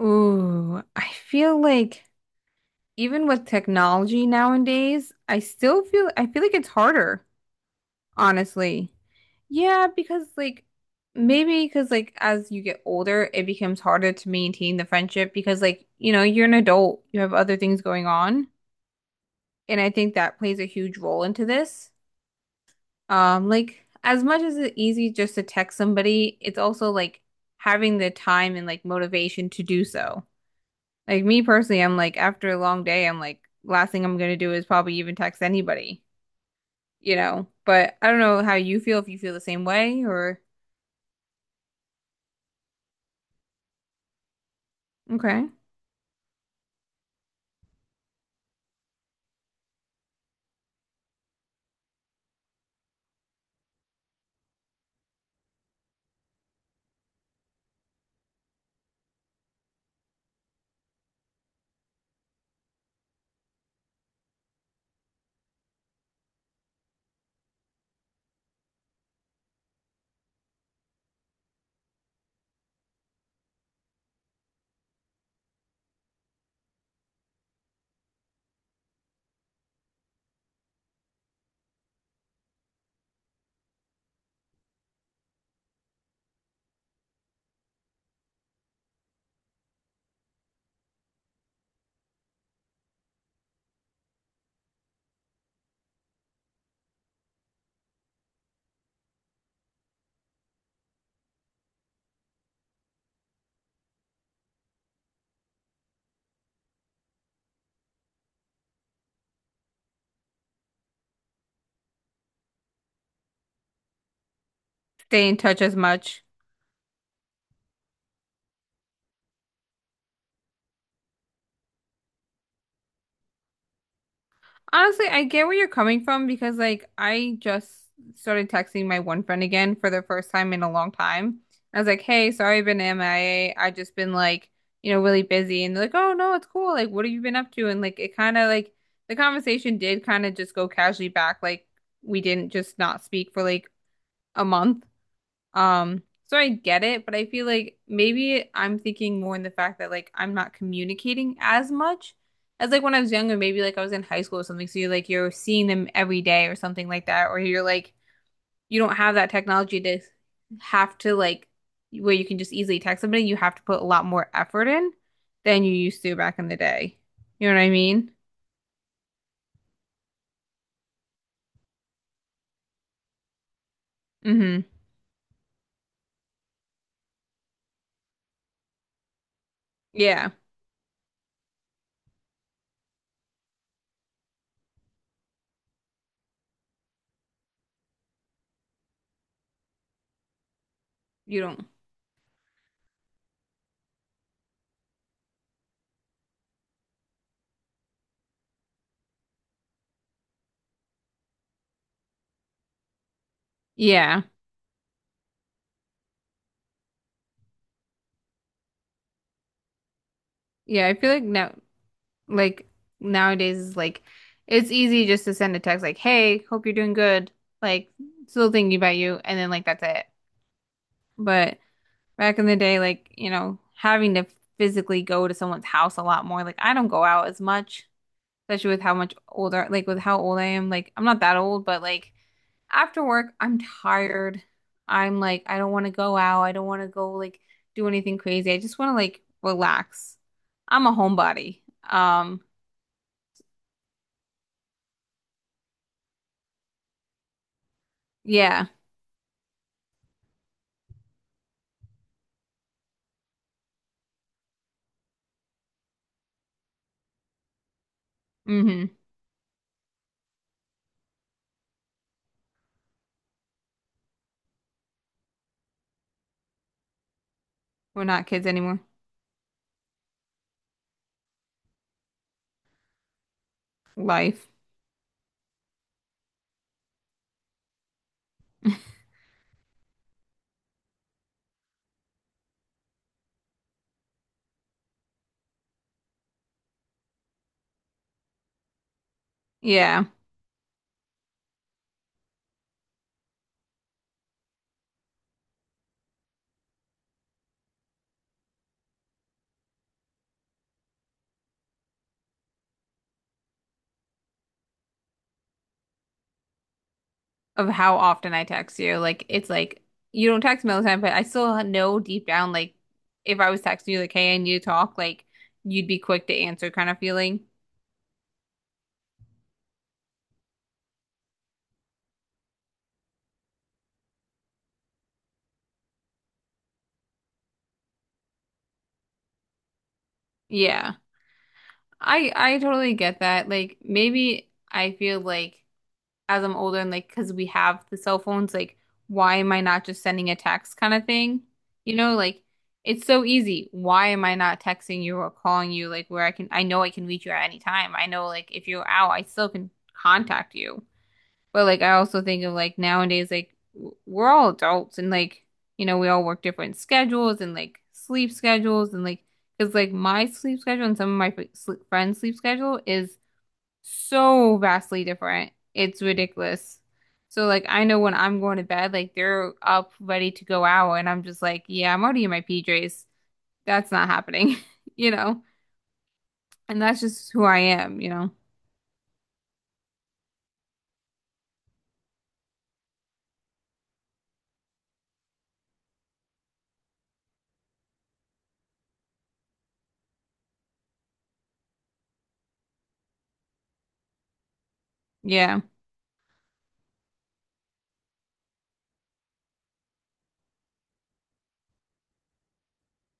Ooh, I feel like even with technology nowadays, I feel like it's harder, honestly. Yeah, because like maybe because like as you get older, it becomes harder to maintain the friendship because like, you know, you're an adult, you have other things going on, and I think that plays a huge role into this. Like as much as it's easy just to text somebody, it's also like having the time and like motivation to do so. Like me personally, I'm like after a long day, I'm like last thing I'm gonna do is probably even text anybody. But I don't know how you feel if you feel the same way or okay. Stay in touch as much. Honestly, I get where you're coming from because like I just started texting my one friend again for the first time in a long time. I was like, "Hey, sorry I've been MIA. I A. I just been like, you know, really busy." And they're like, "Oh no, it's cool. Like, what have you been up to?" And like it kind of like the conversation did kind of just go casually back like we didn't just not speak for like a month. So I get it, but I feel like maybe I'm thinking more in the fact that like I'm not communicating as much as like when I was younger, maybe like I was in high school or something. So you're like you're seeing them every day or something like that, or you're like you don't have that technology to have to like where you can just easily text somebody, you have to put a lot more effort in than you used to back in the day. You know what I mean? Mm-hmm. Yeah. You don't. Yeah. Yeah, I feel like now. Like nowadays is like it's easy just to send a text like, "Hey, hope you're doing good." Like still thinking about you and then like that's it. But back in the day like, you know, having to physically go to someone's house a lot more. Like I don't go out as much, especially with how much older like with how old I am. Like I'm not that old, but like after work, I'm tired. I'm like I don't want to go out. I don't want to go like do anything crazy. I just want to like relax. I'm a homebody. Um, yeah. Hmm. We're not kids anymore. Life. Yeah. Of how often I text you. Like, it's like you don't text me all the time, but I still know deep down, like, if I was texting you, like, hey, I need to talk, like, you'd be quick to answer kind of feeling. Yeah. I totally get that. Like, maybe I feel like as I'm older and like because we have the cell phones, like why am I not just sending a text kind of thing? You know, like it's so easy. Why am I not texting you or calling you like where I can I know I can reach you at any time. I know like if you're out, I still can contact you. But like I also think of like nowadays like we're all adults and like you know we all work different schedules and like sleep schedules and like because like my sleep schedule and some of my friends' sleep schedule is so vastly different. It's ridiculous. So like I know when I'm going to bed, like they're up ready to go out and I'm just like, yeah, I'm already in my PJs. That's not happening, you know? And that's just who I am, you know? Yeah.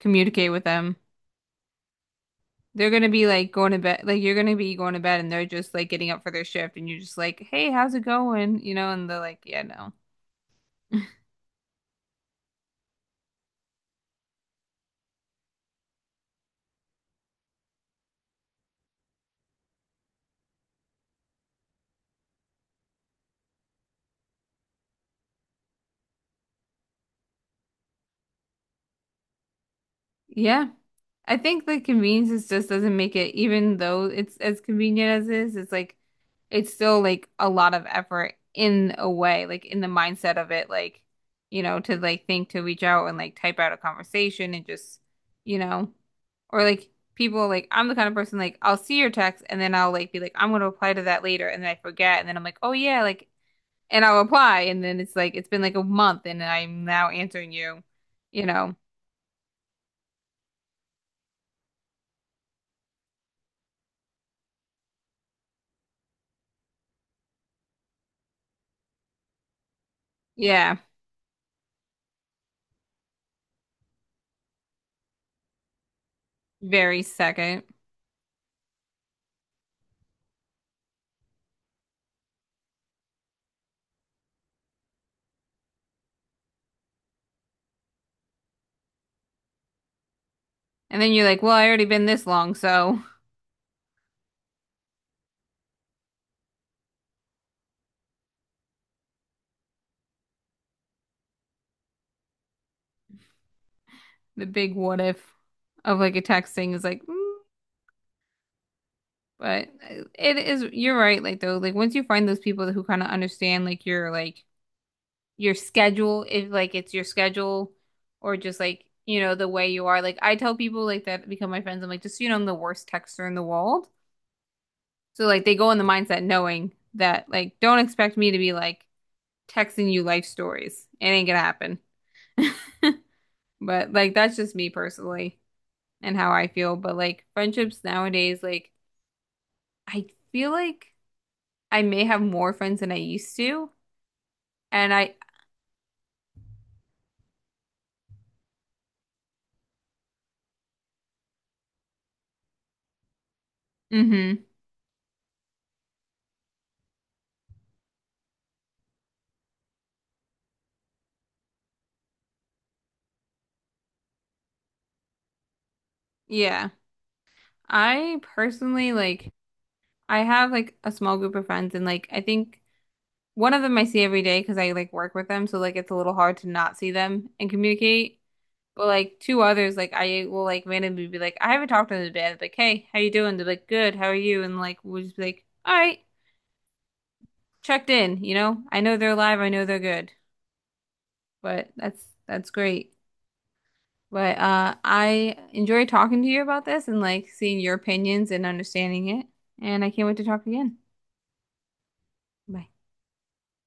Communicate with them. They're gonna be like going to bed, like you're gonna be going to bed and they're just like getting up for their shift and you're just like, hey, how's it going? You know, and they're like, yeah, no. Yeah. I think the convenience just doesn't make it, even though it's as convenient as it is, it's like it's still like a lot of effort in a way, like in the mindset of it, like, you know, to like think to reach out and like type out a conversation and just, you know, or like people like I'm the kind of person like I'll see your text and then I'll like be like, I'm gonna reply to that later and then I forget and then I'm like, oh yeah, like and I'll reply and then it's like it's been like a month and I'm now answering you, you know. Yeah. Very second. And then you're like, well, I already been this long, so the big what if of like a text thing is like, mm, but it is, you're right, like though, like once you find those people who kind of understand like your schedule, if like it's your schedule or just like, you know, the way you are. Like I tell people like that become my friends, I'm like, just so you know, I'm the worst texter in the world. So like they go in the mindset knowing that like don't expect me to be like texting you life stories. It ain't gonna happen. But like that's just me personally and how I feel. But like friendships nowadays, like I feel like I may have more friends than I used to. And I, hmm, yeah. I personally like I have like a small group of friends and like I think one of them I see every day because I like work with them, so like it's a little hard to not see them and communicate. But like two others, like I will like randomly be like, I haven't talked to them today. I'll be like, hey, how you doing? They're like, good, how are you? And like we'll just be like, all right. Checked in, you know? I know they're alive, I know they're good, but that's great. But I enjoy talking to you about this and like seeing your opinions and understanding it. And I can't wait to talk again. Bye.